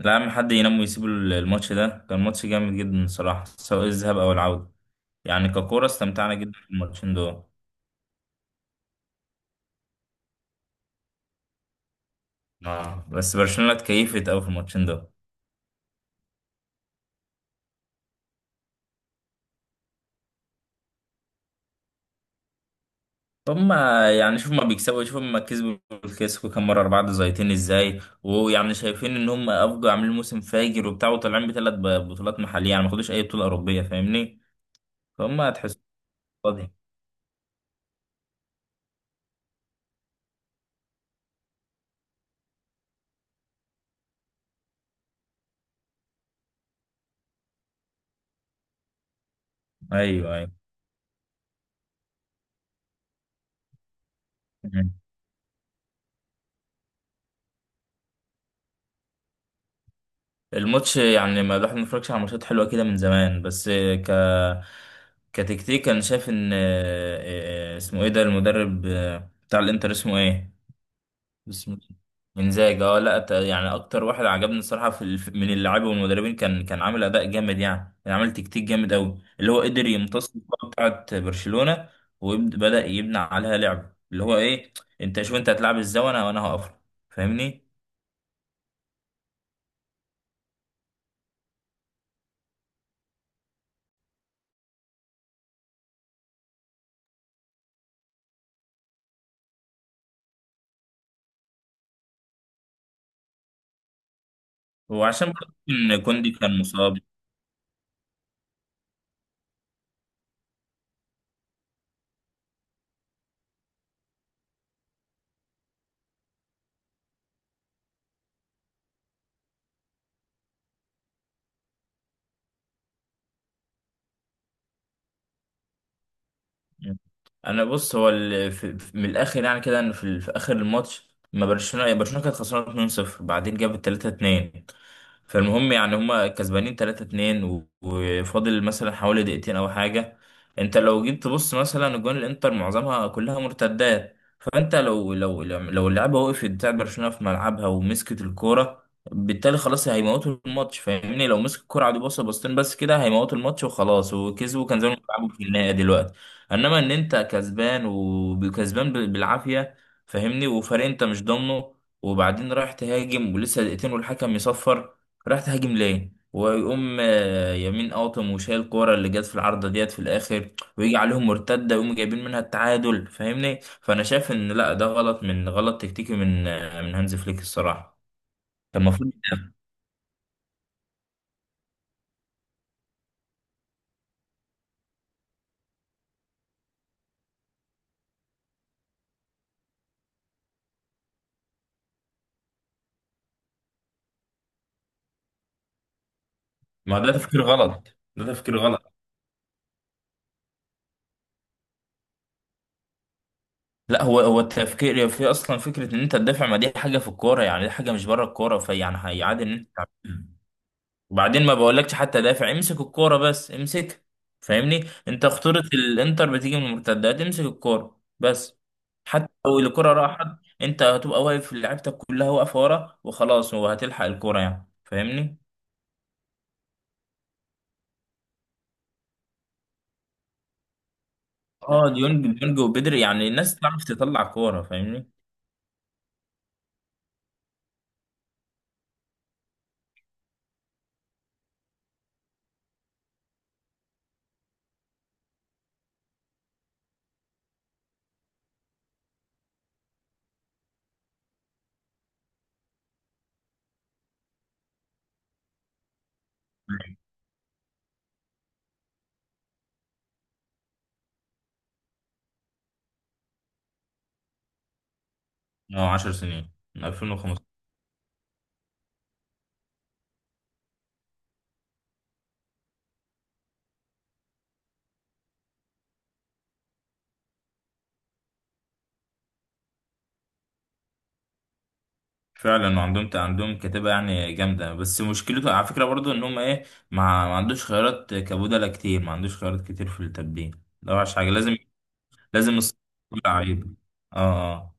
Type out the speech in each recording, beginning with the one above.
لا يا عم حد ينام ويسيب الماتش ده. كان ماتش جامد جدا الصراحة، سواء الذهاب أو العودة. يعني ككورة استمتعنا جدا في الماتشين دول. آه، بس برشلونة اتكيفت أوي في الماتشين دول. هما يعني شوف ما بيكسبوا، شوف ما كسبوا الكلاسيكو كام مرة. أربعة زيتين إزاي؟ ويعني شايفين إن هم أفجوا، عاملين موسم فاجر وبتاع، وطالعين بثلاث بطولات محلية. يعني ما خدوش أي بطولة أوروبية، فاهمني؟ فهم هتحسوا فاضي. أيوه، أيوه. الماتش يعني ما الواحد ما اتفرجش على ماتشات حلوه كده من زمان، بس ك كتكتيك انا شايف ان اسمه ايه ده المدرب، بتاع الانتر اسمه ايه؟ اسمه انزاجي. اه، لا ت- يعني اكتر واحد عجبني الصراحه في من اللاعبين والمدربين كان عامل اداء جامد، يعني كان عامل تكتيك جامد قوي. اللي هو قدر يمتص الكره بتاعت برشلونه، وبدا يبنى عليها لعب. اللي هو ايه، انت شوف انت هتلعب ازاي، وانا هقفل، فاهمني؟ وعشان برضه ان كوندي كان مصاب. مم. انا بص، هو من الاخر يعني كده، ان في اخر الماتش، ما برشلونه يعني برشلونه كانت خسرانه 2-0، بعدين جابت 3-2. فالمهم يعني هما كسبانين 3-2، وفاضل مثلا حوالي دقيقتين او حاجه. انت لو جيت تبص، مثلا اجوان الانتر معظمها كلها مرتدات. فانت لو لو اللعيبه وقفت بتاعت برشلونه في ملعبها، ومسكت الكوره، بالتالي خلاص هيموتوا الماتش، فاهمني؟ لو مسك الكوره عادي بص بصتين بس كده، هيموتوا الماتش وخلاص، وكسبوا. كان زمان بيلعبوا في النهائي دلوقتي. انما ان انت كسبان، وكسبان بالعافيه، فاهمني؟ وفريق انت مش ضامنه. وبعدين رايح تهاجم ولسه دقيقتين والحكم يصفر. رايح تهاجم ليه؟ ويقوم يمين قاطم، وشايل الكوره اللي جت في العارضه ديت في الاخر، ويجي عليهم مرتده، ويقوم جايبين منها التعادل، فاهمني؟ فانا شايف ان لا، ده غلط. من غلط تكتيكي من من هانز فليك الصراحه. كان المفروض. ما ده تفكير غلط، ده تفكير غلط. لا، هو التفكير في اصلا فكره ان انت تدافع، ما دي حاجه في الكوره، يعني دي حاجه مش بره الكوره. فيعني هيعادل ان انت. وبعدين ما بقولكش حتى دافع، امسك الكوره بس، امسك. فاهمني؟ انت خطوره الانتر بتيجي من المرتدات. امسك الكوره بس. حتى لو الكوره راحت، انت هتبقى واقف، لعيبتك كلها واقفه ورا وخلاص، وهتلحق الكوره يعني، فاهمني؟ اه، ديونج وبدري، يعني الناس تعرف تطلع كوره، فاهمني؟ اه، 10 سنين من 2015. فعلا. وعندهم كتابة يعني جامدة. بس مشكلته على فكرة برضو، ان هم ايه، ما عندوش خيارات كبودلة كتير. ما عندوش خيارات كتير في التبديل، ده وحش حاجة. لازم، لازم كل لعيب. اه. اه.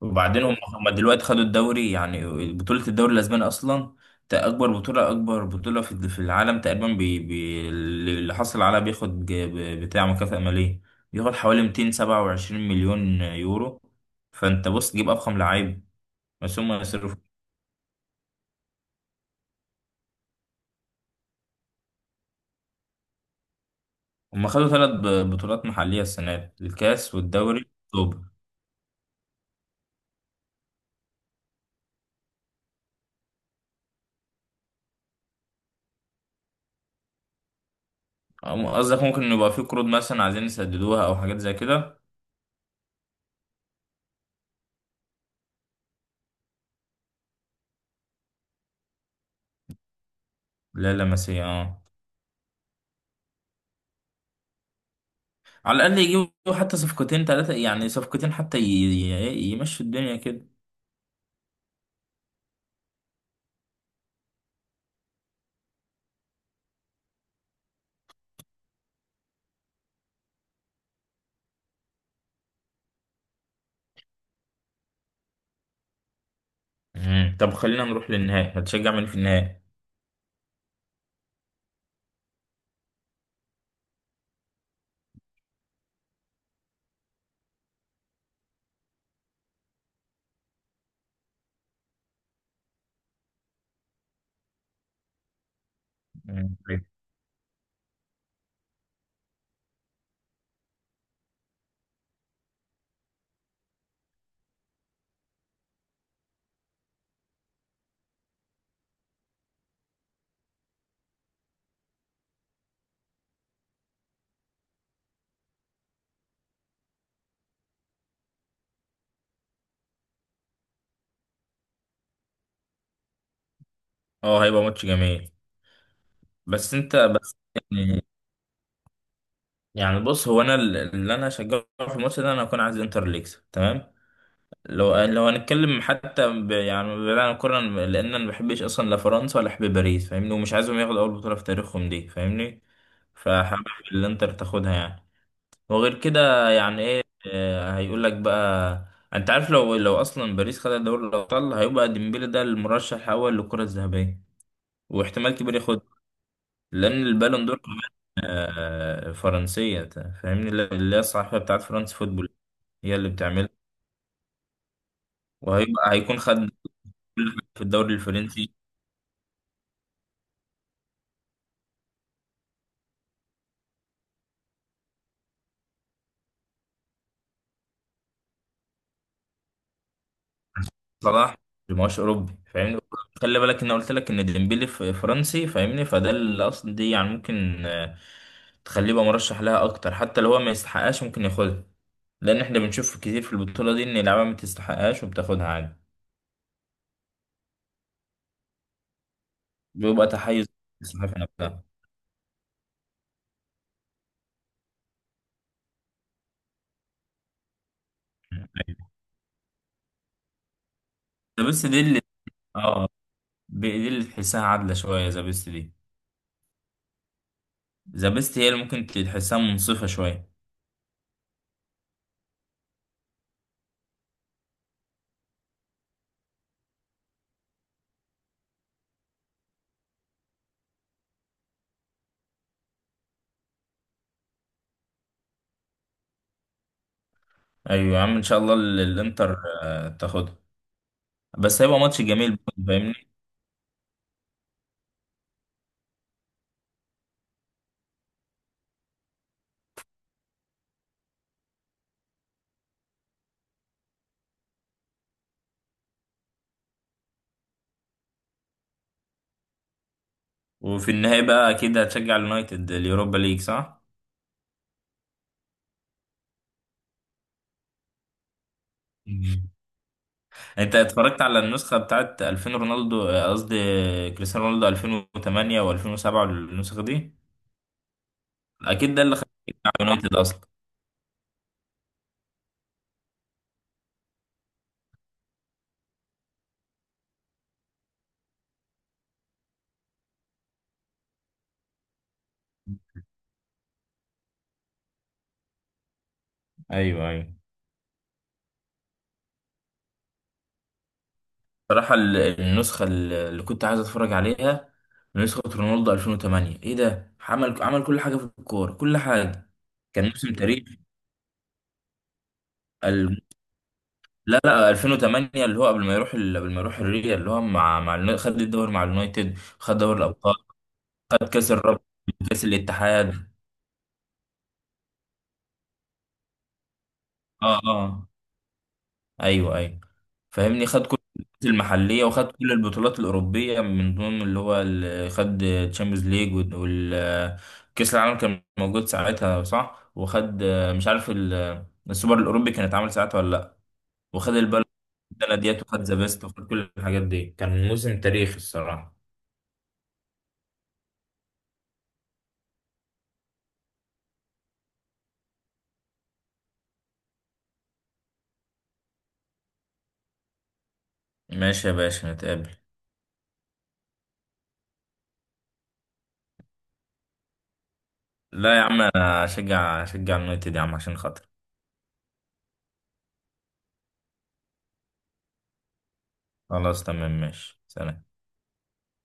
وبعدين هم دلوقتي خدوا الدوري يعني، بطولة الدوري الاسباني اصلا، اكبر بطولة. اكبر بطولة في العالم تقريبا. بي اللي حصل عليها بياخد بتاع مكافأة مالية. بياخد حوالي 227 مليون يورو. فانت بص تجيب افخم لعيب، بس هم يصرفوا. هم خدوا ثلاث بطولات محلية السنة دي، الكاس والدوري والسوبر. قصدك ممكن يبقى في قروض مثلا عايزين يسددوها، أو حاجات زي كده. لا، لا، مسيا، اه. على الأقل يجيبوا حتى صفقتين ثلاثة، يعني صفقتين حتى يمشوا الدنيا كده. مم. طب خلينا نروح للنهائي. هتشجع مين في النهائي؟ مم. اه، هيبقى ماتش جميل. بس انت بقى- يعني بص، هو انا اللي انا هشجعه في الماتش ده، انا هكون عايز انتر اللي يكسب، تمام؟ لو هنتكلم حتى يعني بعيد عن الكورة، لأن أنا مبحبش أصلا لا فرنسا، ولا أحب باريس، فاهمني؟ ومش عايزهم ياخدوا أول بطولة في تاريخهم دي، فاهمني؟ فحابب الإنتر تاخدها يعني. وغير كده يعني إيه، هيقول لك بقى. أنت عارف لو أصلا باريس خدت دوري الأبطال، هيبقى ديمبلي ده المرشح الأول للكرة الذهبية، واحتمال كبير ياخدها. لأن البالون دور كمان فرنسية، فاهمني؟ اللي هي الصحيفة بتاعت فرنسا فوتبول، هي اللي بتعملها. هيكون خد في الدوري الفرنسي. صلاح في ماتش اوروبي، فاهمني؟ خلي بالك ان أنا قلت لك ان ديمبلي في فرنسي، فاهمني؟ فده اللي اصلا دي يعني ممكن تخليه يبقى مرشح لها اكتر. حتى لو هو ما يستحقهاش ممكن ياخدها. لان احنا بنشوف كتير في البطوله دي ان اللعيبه ما تستحقهاش وبتاخدها عادي. بيبقى تحيز الصحافه نفسها. ذا بيست دي اه دي اللي تحسها عادله شويه، ذا بيست دي. ذا بيست هي اللي ممكن تحسها منصفه شويه. ايوه يا عم، ان شاء الله الانتر تاخدها. بس هيبقى ماتش جميل برضه، فاهمني؟ وفي النهاية بقى أكيد هتشجع اليونايتد اليوروبا ليج، صح؟ مم. أنت اتفرجت على النسخة بتاعت 2000 رونالدو، قصدي كريستيانو رونالدو 2008 و2007 النسخة دي. أكيد ده اللي خلاك على اليونايتد أصلا. أيوه، أيوه. بصراحة النسخة اللي كنت عايز أتفرج عليها، نسخة رونالدو 2008، إيه ده! عمل كل حاجة في الكورة، كل حاجة. كان موسم تاريخي. لا، لا، 2008 اللي هو قبل ما يروح قبل ما يروح الريال. اللي هو مع خد الدوري مع اليونايتد، خد دوري الابطال، خد كاس الرابطه، كاس الاتحاد. اه، اه، ايوه، ايوه، فاهمني. خد كل البطولات المحليه، وخد كل البطولات الاوروبيه. من ضمن اللي هو خد تشامبيونز ليج، والكاس العالم كان موجود ساعتها صح. وخد مش عارف، السوبر الاوروبي كان اتعمل ساعتها ولا لا. وخد البلد السنه ديت، وخد ذا بيست، وخد كل الحاجات دي. كان موسم تاريخي الصراحه. ماشي يا باشا، نتقابل. لا يا عم، انا اشجع، اليونايتد يا عم، عشان خاطر. خلاص، تمام، ماشي، سلام.